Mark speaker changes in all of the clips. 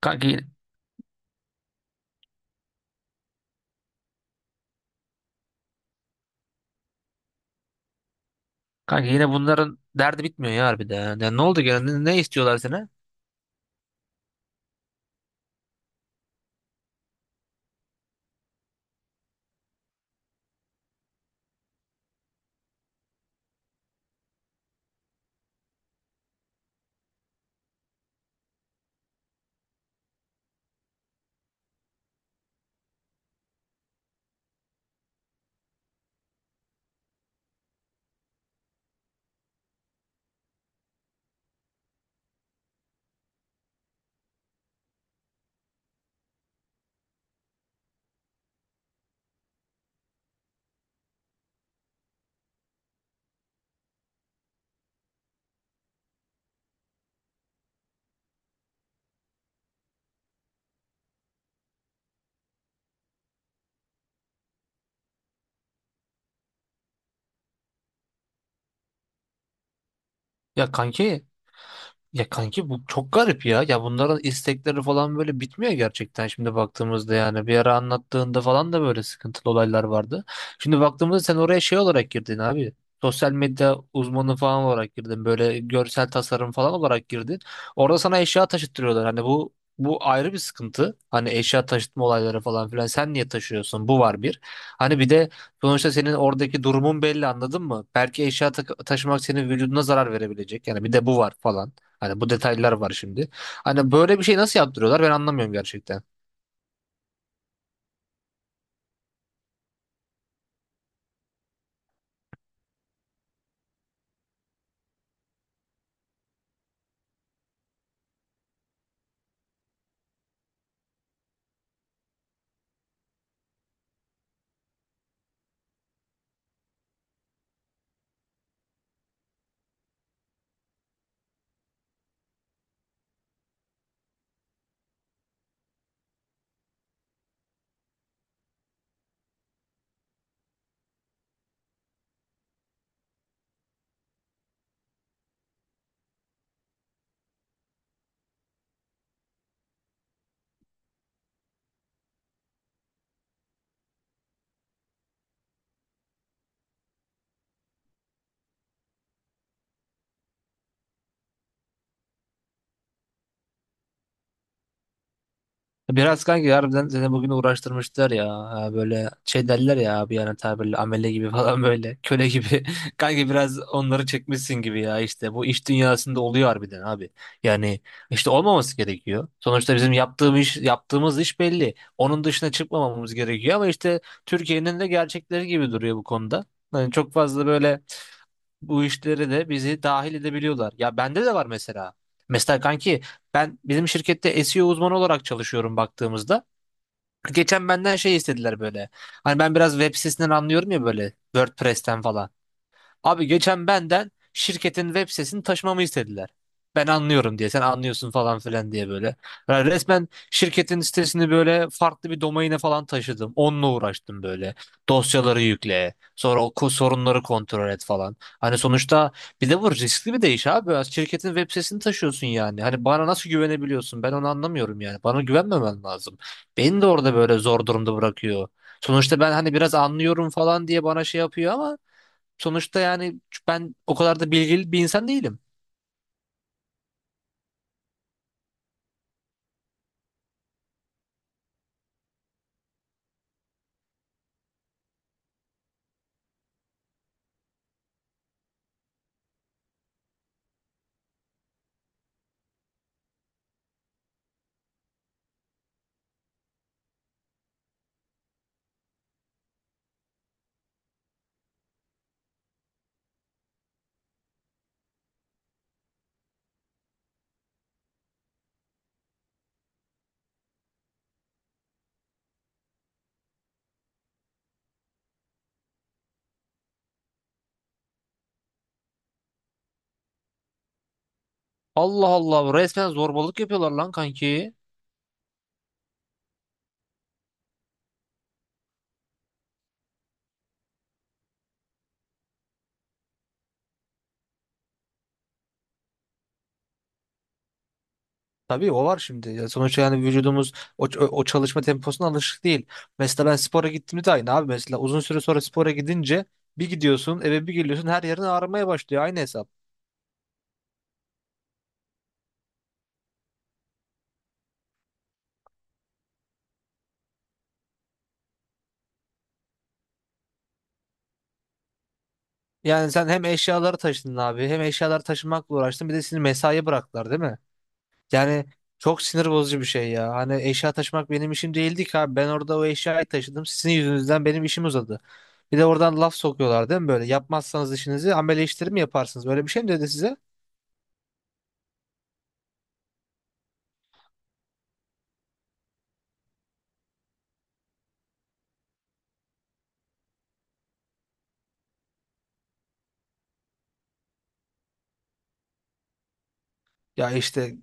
Speaker 1: Kanka yine, kanka yine, bunların derdi bitmiyor ya harbiden. Ya ne oldu gene? Ne istiyorlar sana? Ya kanki Ya kanki, bu çok garip ya. Ya bunların istekleri falan böyle bitmiyor gerçekten şimdi baktığımızda yani. Bir ara anlattığında falan da böyle sıkıntılı olaylar vardı. Şimdi baktığımızda sen oraya şey olarak girdin abi. Sosyal medya uzmanı falan olarak girdin. Böyle görsel tasarım falan olarak girdin. Orada sana eşya taşıttırıyorlar. Hani bu ayrı bir sıkıntı. Hani eşya taşıtma olayları falan filan. Sen niye taşıyorsun? Bu var bir. Hani bir de sonuçta senin oradaki durumun belli anladın mı? Belki taşımak senin vücuduna zarar verebilecek. Yani bir de bu var falan. Hani bu detaylar var şimdi. Hani böyle bir şey nasıl yaptırıyorlar ben anlamıyorum gerçekten. Biraz kanki harbiden seni bugün uğraştırmışlar ya. Ha, böyle şey derler ya abi yani tabirle amele gibi falan böyle köle gibi. Kanki biraz onları çekmişsin gibi ya işte bu iş dünyasında oluyor harbiden abi. Yani işte olmaması gerekiyor. Sonuçta bizim yaptığımız iş, yaptığımız iş belli. Onun dışına çıkmamamız gerekiyor ama işte Türkiye'nin de gerçekleri gibi duruyor bu konuda. Yani çok fazla böyle bu işlere de bizi dahil edebiliyorlar. Ya bende de var mesela. Mesela kanki ben bizim şirkette SEO uzmanı olarak çalışıyorum baktığımızda. Geçen benden şey istediler böyle. Hani ben biraz web sitesinden anlıyorum ya böyle WordPress'ten falan. Abi geçen benden şirketin web sitesini taşımamı istediler. Ben anlıyorum diye sen anlıyorsun falan filan diye böyle. Yani resmen şirketin sitesini böyle farklı bir domaine falan taşıdım. Onunla uğraştım böyle. Dosyaları yükle. Sonra sorunları kontrol et falan. Hani sonuçta bir de bu riskli bir de iş abi. Şirketin web sitesini taşıyorsun yani. Hani bana nasıl güvenebiliyorsun? Ben onu anlamıyorum yani. Bana güvenmemen lazım. Beni de orada böyle zor durumda bırakıyor. Sonuçta ben hani biraz anlıyorum falan diye bana şey yapıyor ama sonuçta yani ben o kadar da bilgili bir insan değilim. Allah Allah resmen zorbalık yapıyorlar lan kanki. Tabii o var şimdi. Ya sonuçta yani vücudumuz o çalışma temposuna alışık değil. Mesela ben spora gittiğimde de aynı abi. Mesela uzun süre sonra spora gidince bir gidiyorsun eve bir geliyorsun her yerin ağrımaya başlıyor. Aynı hesap. Yani sen hem eşyaları taşıdın abi hem eşyaları taşımakla uğraştın bir de seni mesaiye bıraktılar değil mi? Yani çok sinir bozucu bir şey ya. Hani eşya taşımak benim işim değildi ki abi. Ben orada o eşyayı taşıdım. Sizin yüzünüzden benim işim uzadı. Bir de oradan laf sokuyorlar değil mi böyle? Yapmazsanız işinizi amele işleri mi yaparsınız? Böyle bir şey mi dedi size? Ya işte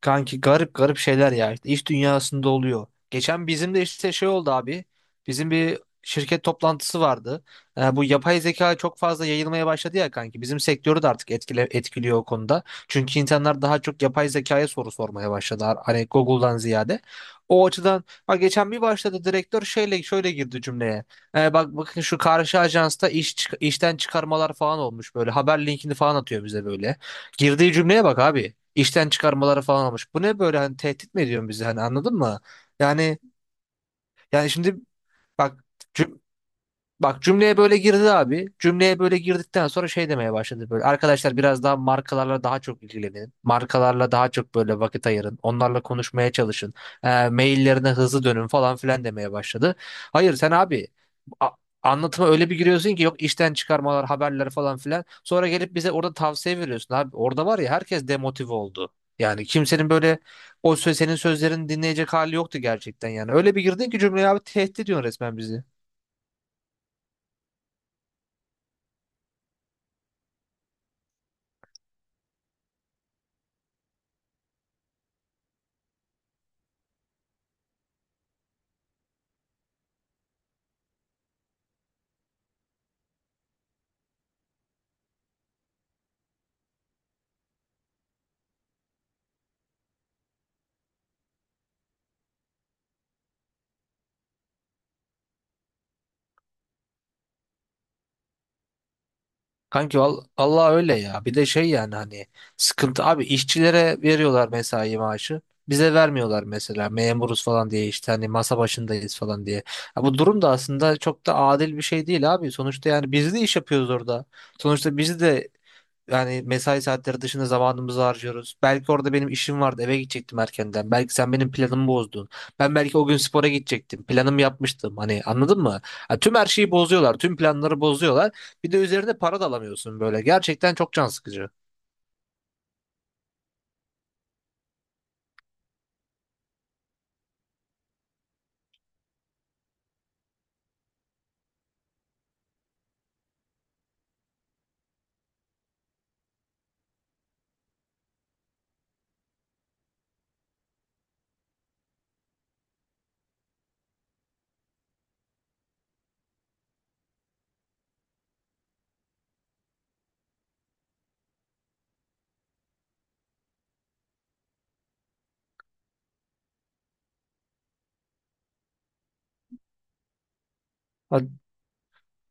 Speaker 1: Kanki garip garip şeyler ya işte iş dünyasında oluyor. Geçen bizim de işte şey oldu abi. Bizim bir şirket toplantısı vardı. Bu yapay zeka çok fazla yayılmaya başladı ya kanki. Bizim sektörü de artık etkiliyor o konuda. Çünkü insanlar daha çok yapay zekaya soru sormaya başladılar. Hani Google'dan ziyade. O açıdan bak geçen bir başladı direktör şeyle şöyle girdi cümleye. Bak bakın şu karşı ajansta işten çıkarmalar falan olmuş böyle. Haber linkini falan atıyor bize böyle. Girdiği cümleye bak abi işten çıkarmaları falan olmuş. Bu ne böyle hani tehdit mi ediyorsun bizi hani anladın mı? Yani yani şimdi bak Bak, cümleye böyle girdi abi. Cümleye böyle girdikten sonra şey demeye başladı böyle. Arkadaşlar biraz daha markalarla daha çok ilgilenin. Markalarla daha çok böyle vakit ayırın. Onlarla konuşmaya çalışın. Maillerine hızlı dönün falan filan demeye başladı. Hayır sen abi a- anlatıma öyle bir giriyorsun ki yok işten çıkarmalar, haberler falan filan. Sonra gelip bize orada tavsiye veriyorsun abi. Orada var ya herkes demotive oldu. Yani kimsenin böyle senin sözlerini dinleyecek hali yoktu gerçekten yani. Öyle bir girdin ki cümleye abi tehdit ediyorsun resmen bizi. Kanki val Allah öyle ya. Bir de şey yani hani sıkıntı abi işçilere veriyorlar mesai maaşı. Bize vermiyorlar mesela memuruz falan diye işte hani masa başındayız falan diye. Ya bu durum da aslında çok da adil bir şey değil abi. Sonuçta yani biz de iş yapıyoruz orada. Sonuçta biz de yani mesai saatleri dışında zamanımızı harcıyoruz. Belki orada benim işim vardı, eve gidecektim erkenden. Belki sen benim planımı bozdun. Ben belki o gün spora gidecektim. Planımı yapmıştım. Hani anladın mı? Ha, tüm her şeyi bozuyorlar, tüm planları bozuyorlar. Bir de üzerine para da alamıyorsun böyle. Gerçekten çok can sıkıcı.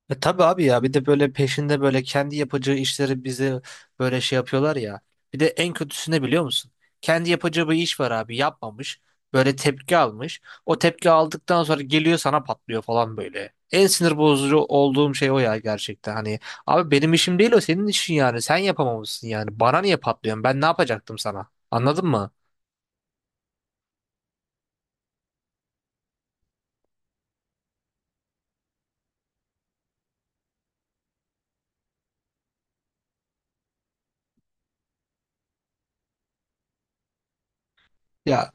Speaker 1: E tabii abi ya bir de böyle peşinde böyle kendi yapacağı işleri bize böyle şey yapıyorlar ya. Bir de en kötüsü ne biliyor musun? Kendi yapacağı bir iş var abi yapmamış. Böyle tepki almış. O tepki aldıktan sonra geliyor sana patlıyor falan böyle. En sinir bozucu olduğum şey o ya gerçekten. Hani abi benim işim değil o senin işin yani. Sen yapamamışsın yani. Bana niye patlıyorsun? Ben ne yapacaktım sana? Anladın mı? Ya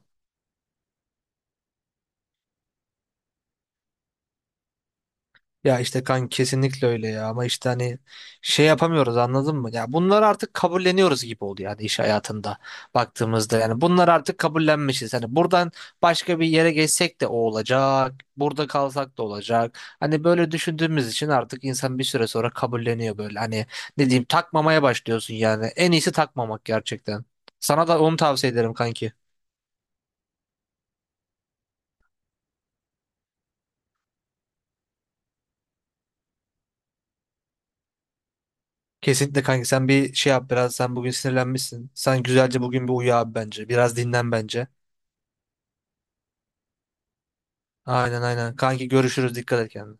Speaker 1: Ya işte kan kesinlikle öyle ya ama işte hani şey yapamıyoruz anladın mı? Ya bunları artık kabulleniyoruz gibi oldu yani iş hayatında baktığımızda yani bunlar artık kabullenmişiz. Hani buradan başka bir yere geçsek de o olacak, burada kalsak da olacak. Hani böyle düşündüğümüz için artık insan bir süre sonra kabulleniyor böyle. Hani ne diyeyim takmamaya başlıyorsun yani. En iyisi takmamak gerçekten. Sana da onu tavsiye ederim kanki. Kesinlikle kanki sen bir şey yap biraz sen bugün sinirlenmişsin. Sen güzelce bugün bir uyu abi bence. Biraz dinlen bence. Aynen aynen. Kanki görüşürüz. Dikkat et kendine.